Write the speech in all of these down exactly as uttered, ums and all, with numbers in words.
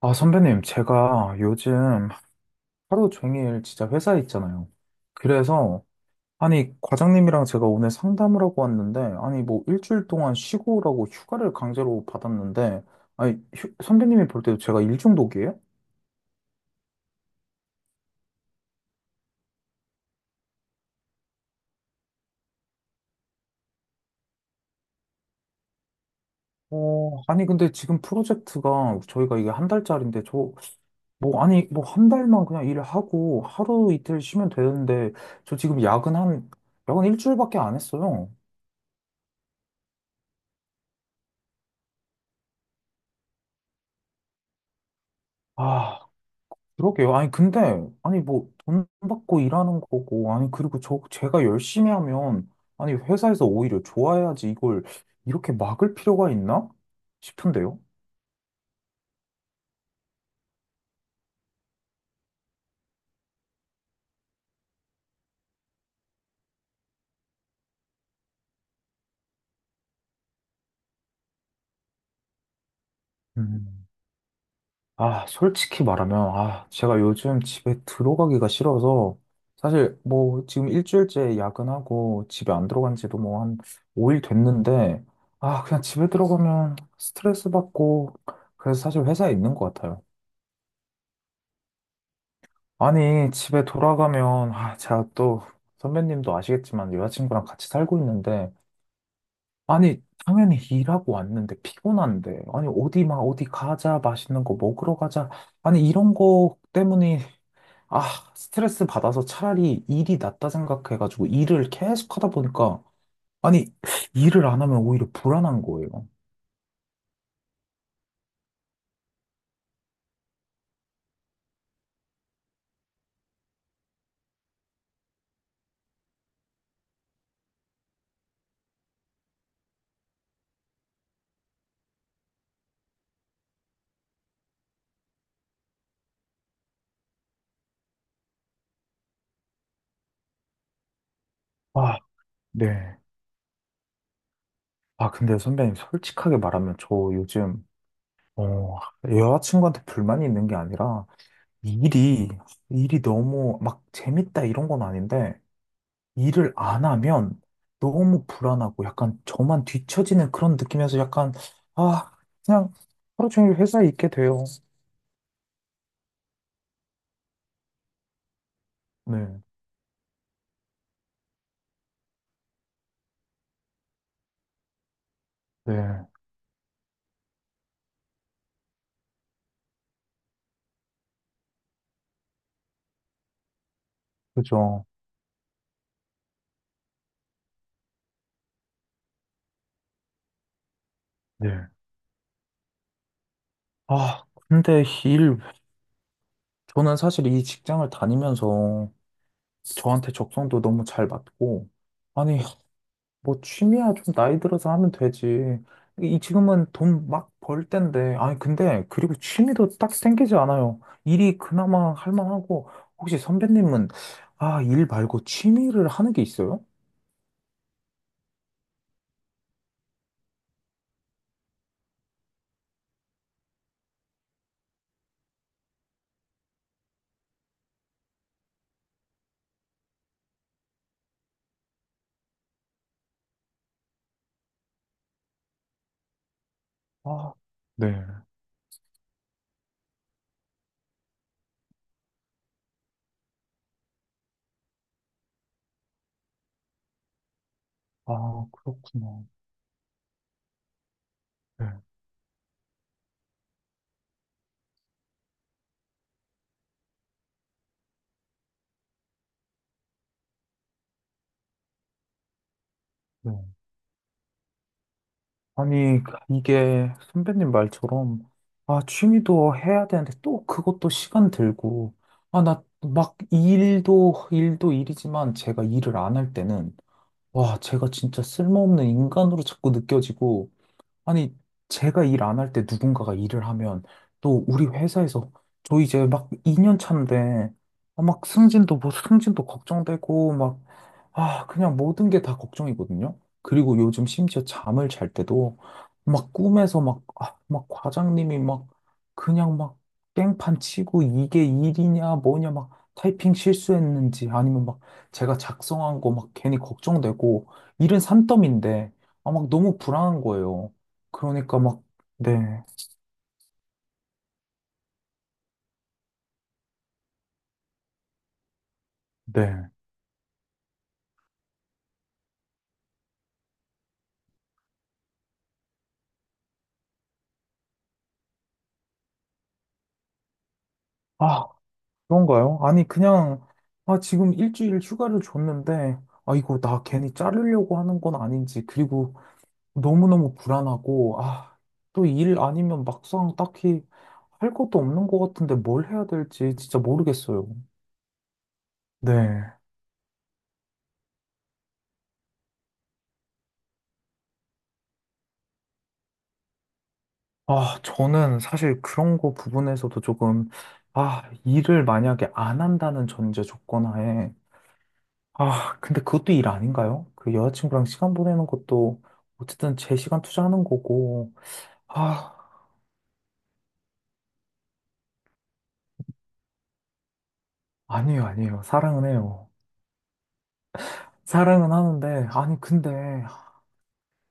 아, 선배님, 제가 요즘 하루 종일 진짜 회사에 있잖아요. 그래서, 아니, 과장님이랑 제가 오늘 상담을 하고 왔는데, 아니, 뭐, 일주일 동안 쉬고 오라고 휴가를 강제로 받았는데, 아니, 휴- 선배님이 볼 때도 제가 일 중독이에요? 어, 아니, 근데 지금 프로젝트가 저희가 이게 한 달짜리인데, 저, 뭐, 아니, 뭐, 한 달만 그냥 일을 하고 하루 이틀 쉬면 되는데, 저 지금 야근 한, 야근 일주일밖에 안 했어요. 아, 그러게요. 아니, 근데, 아니, 뭐, 돈 받고 일하는 거고, 아니, 그리고 저, 제가 열심히 하면, 아니, 회사에서 오히려 좋아해야지 이걸 이렇게 막을 필요가 있나 싶은데요. 음. 아, 솔직히 말하면, 아, 제가 요즘 집에 들어가기가 싫어서, 사실 뭐, 지금 일주일째 야근하고 집에 안 들어간 지도 뭐 한 오 일 됐는데, 아, 그냥 집에 들어가면 스트레스 받고, 그래서 사실 회사에 있는 것 같아요. 아니, 집에 돌아가면, 아, 제가 또, 선배님도 아시겠지만, 여자친구랑 같이 살고 있는데, 아니, 당연히 일하고 왔는데, 피곤한데, 아니, 어디 막, 어디 가자, 맛있는 거 먹으러 가자. 아니, 이런 거 때문에, 아, 스트레스 받아서 차라리 일이 낫다 생각해가지고, 일을 계속 하다 보니까, 아니, 일을 안 하면 오히려 불안한 거예요. 아, 네. 아, 근데 선배님, 솔직하게 말하면, 저 요즘, 어, 여자친구한테 불만이 있는 게 아니라, 일이, 일이 너무 막 재밌다 이런 건 아닌데, 일을 안 하면 너무 불안하고 약간 저만 뒤처지는 그런 느낌에서 약간, 아, 그냥 하루 종일 회사에 있게 돼요. 네, 네, 그죠. 네. 아, 근데 일, 저는 사실 이 직장을 다니면서 저한테 적성도 너무 잘 맞고, 아니, 뭐 취미야 좀 나이 들어서 하면 되지. 이 지금은 돈 막 벌 때인데. 아니 근데 그리고 취미도 딱 생기지 않아요. 일이 그나마 할 만하고 혹시 선배님은 아, 일 말고 취미를 하는 게 있어요? 아, 네. 아, 그렇구나. 네, 네. 아니 이게 선배님 말처럼 아, 취미도 해야 되는데 또 그것도 시간 들고 아, 나 막 일도 일도 일이지만 제가 일을 안 할 때는 와, 제가 진짜 쓸모없는 인간으로 자꾸 느껴지고, 아니, 제가 일 안할 때 누군가가 일을 하면 또 우리 회사에서 저 이제 막 이 년 차인데 아, 막 승진도 뭐 승진도 걱정되고 막 아, 그냥 모든 게 다 걱정이거든요. 그리고 요즘 심지어 잠을 잘 때도 막 꿈에서 막, 아, 막 과장님이 막 그냥 막 깽판 치고 이게 일이냐 뭐냐 막 타이핑 실수했는지 아니면 막 제가 작성한 거 막 괜히 걱정되고 일은 산더미인데 아, 막 너무 불안한 거예요. 그러니까 막, 네, 네. 아, 그런가요? 아니, 그냥, 아, 지금 일주일 휴가를 줬는데, 아, 이거 나 괜히 자르려고 하는 건 아닌지, 그리고 너무너무 불안하고, 아, 또 일 아니면 막상 딱히 할 것도 없는 것 같은데 뭘 해야 될지 진짜 모르겠어요. 네. 아, 저는 사실 그런 거 부분에서도 조금, 아, 일을 만약에 안 한다는 전제 조건 하에, 아, 근데 그것도 일 아닌가요? 그 여자친구랑 시간 보내는 것도 어쨌든 제 시간 투자하는 거고. 아, 아니에요, 아니에요. 사랑은 해요. 사랑은 하는데, 아니, 근데,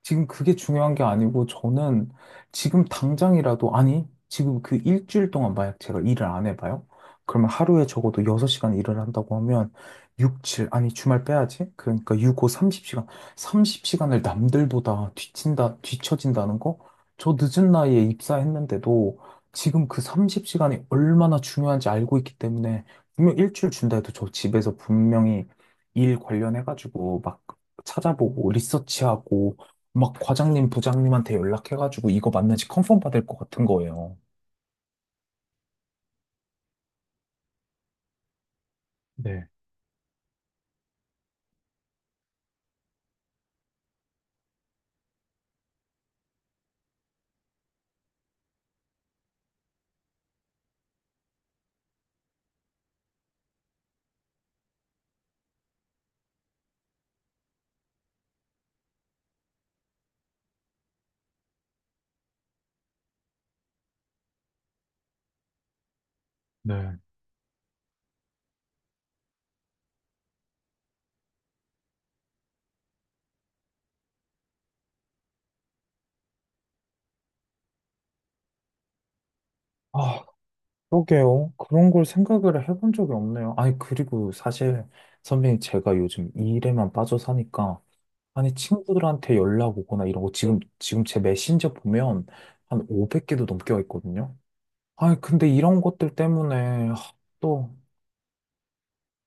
지금 그게 중요한 게 아니고 저는 지금 당장이라도 아니 지금 그 일주일 동안 만약 제가 일을 안 해봐요? 그러면 하루에 적어도 여섯 시간 일을 한다고 하면 여섯, 일곱 아니 주말 빼야지 그러니까 여섯, 다섯, 삼십 시간 삼십 시간을 남들보다 뒤친다 뒤처진다는 거? 저 늦은 나이에 입사했는데도 지금 그 삼십 시간이 얼마나 중요한지 알고 있기 때문에 분명 일주일 준다 해도 저 집에서 분명히 일 관련해가지고 막 찾아보고 리서치하고 막 과장님, 부장님한테 연락해가지고 이거 맞는지 컨펌 받을 것 같은 거예요. 네, 네, 아, 그러게요. 그런 걸 생각을 해본 적이 없네요. 아니, 그리고 사실 선배님 제가 요즘 이 일에만 빠져 사니까 아니, 친구들한테 연락 오거나 이런 거 지금, 지금 제 메신저 보면 한 오백 개도 넘게 와 있거든요. 아니, 근데 이런 것들 때문에 하, 또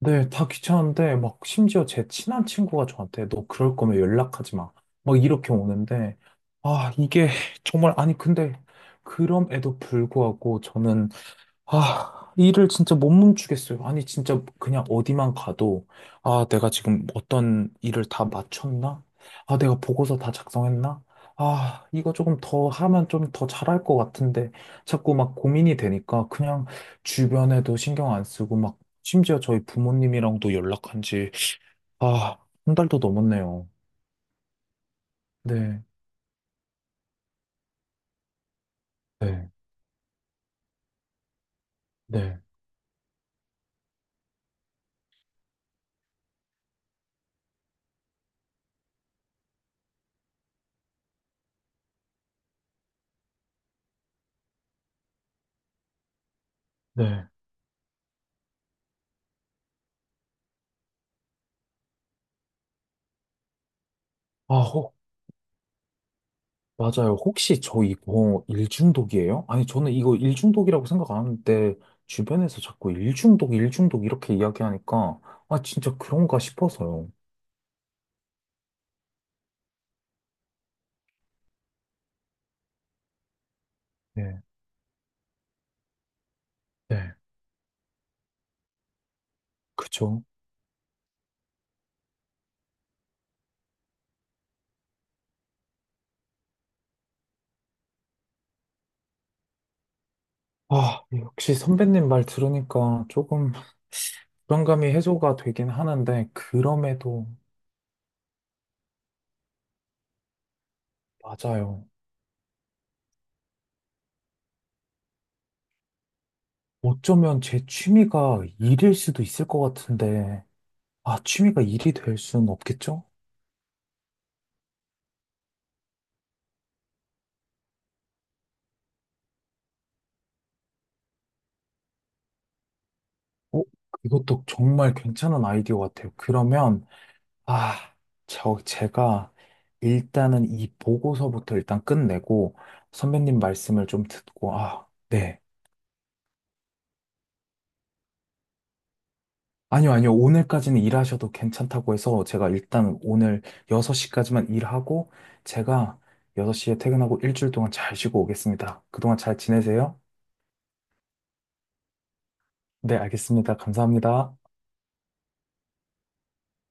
네, 다 귀찮은데, 막, 심지어 제 친한 친구가 저한테, 너 그럴 거면 연락하지 마. 막, 이렇게 오는데, 아, 이게, 정말, 아니, 근데, 그럼에도 불구하고, 저는 아, 일을 진짜 못 멈추겠어요. 아니, 진짜 그냥 어디만 가도, 아, 내가 지금 어떤 일을 다 마쳤나? 아, 내가 보고서 다 작성했나? 아, 이거 조금 더 하면 좀 더 잘할 것 같은데, 자꾸 막 고민이 되니까 그냥 주변에도 신경 안 쓰고, 막, 심지어 저희 부모님이랑도 연락한 지, 아, 한 달도 넘었네요. 네, 네, 네, 네. 아, 맞아요. 혹시 저 이거 일중독이에요? 아니, 저는 이거 일중독이라고 생각 안 하는데, 주변에서 자꾸 일중독, 일중독 이렇게 이야기하니까, 아, 진짜 그런가 싶어서요. 네. 네, 그죠. 아, 역시 선배님 말 들으니까 조금 불안감이 해소가 되긴 하는데, 그럼에도, 맞아요. 어쩌면 제 취미가 일일 수도 있을 것 같은데, 아, 취미가 일이 될 수는 없겠죠? 어, 이것도 정말 괜찮은 아이디어 같아요. 그러면, 아, 저, 제가 일단은 이 보고서부터 일단 끝내고 선배님 말씀을 좀 듣고, 아, 네. 아니요, 아니요. 오늘까지는 일하셔도 괜찮다고 해서 제가 일단 오늘 여섯 시까지만 일하고 제가 여섯 시에 퇴근하고 일주일 동안 잘 쉬고 오겠습니다. 그동안 잘 지내세요? 네, 알겠습니다. 감사합니다.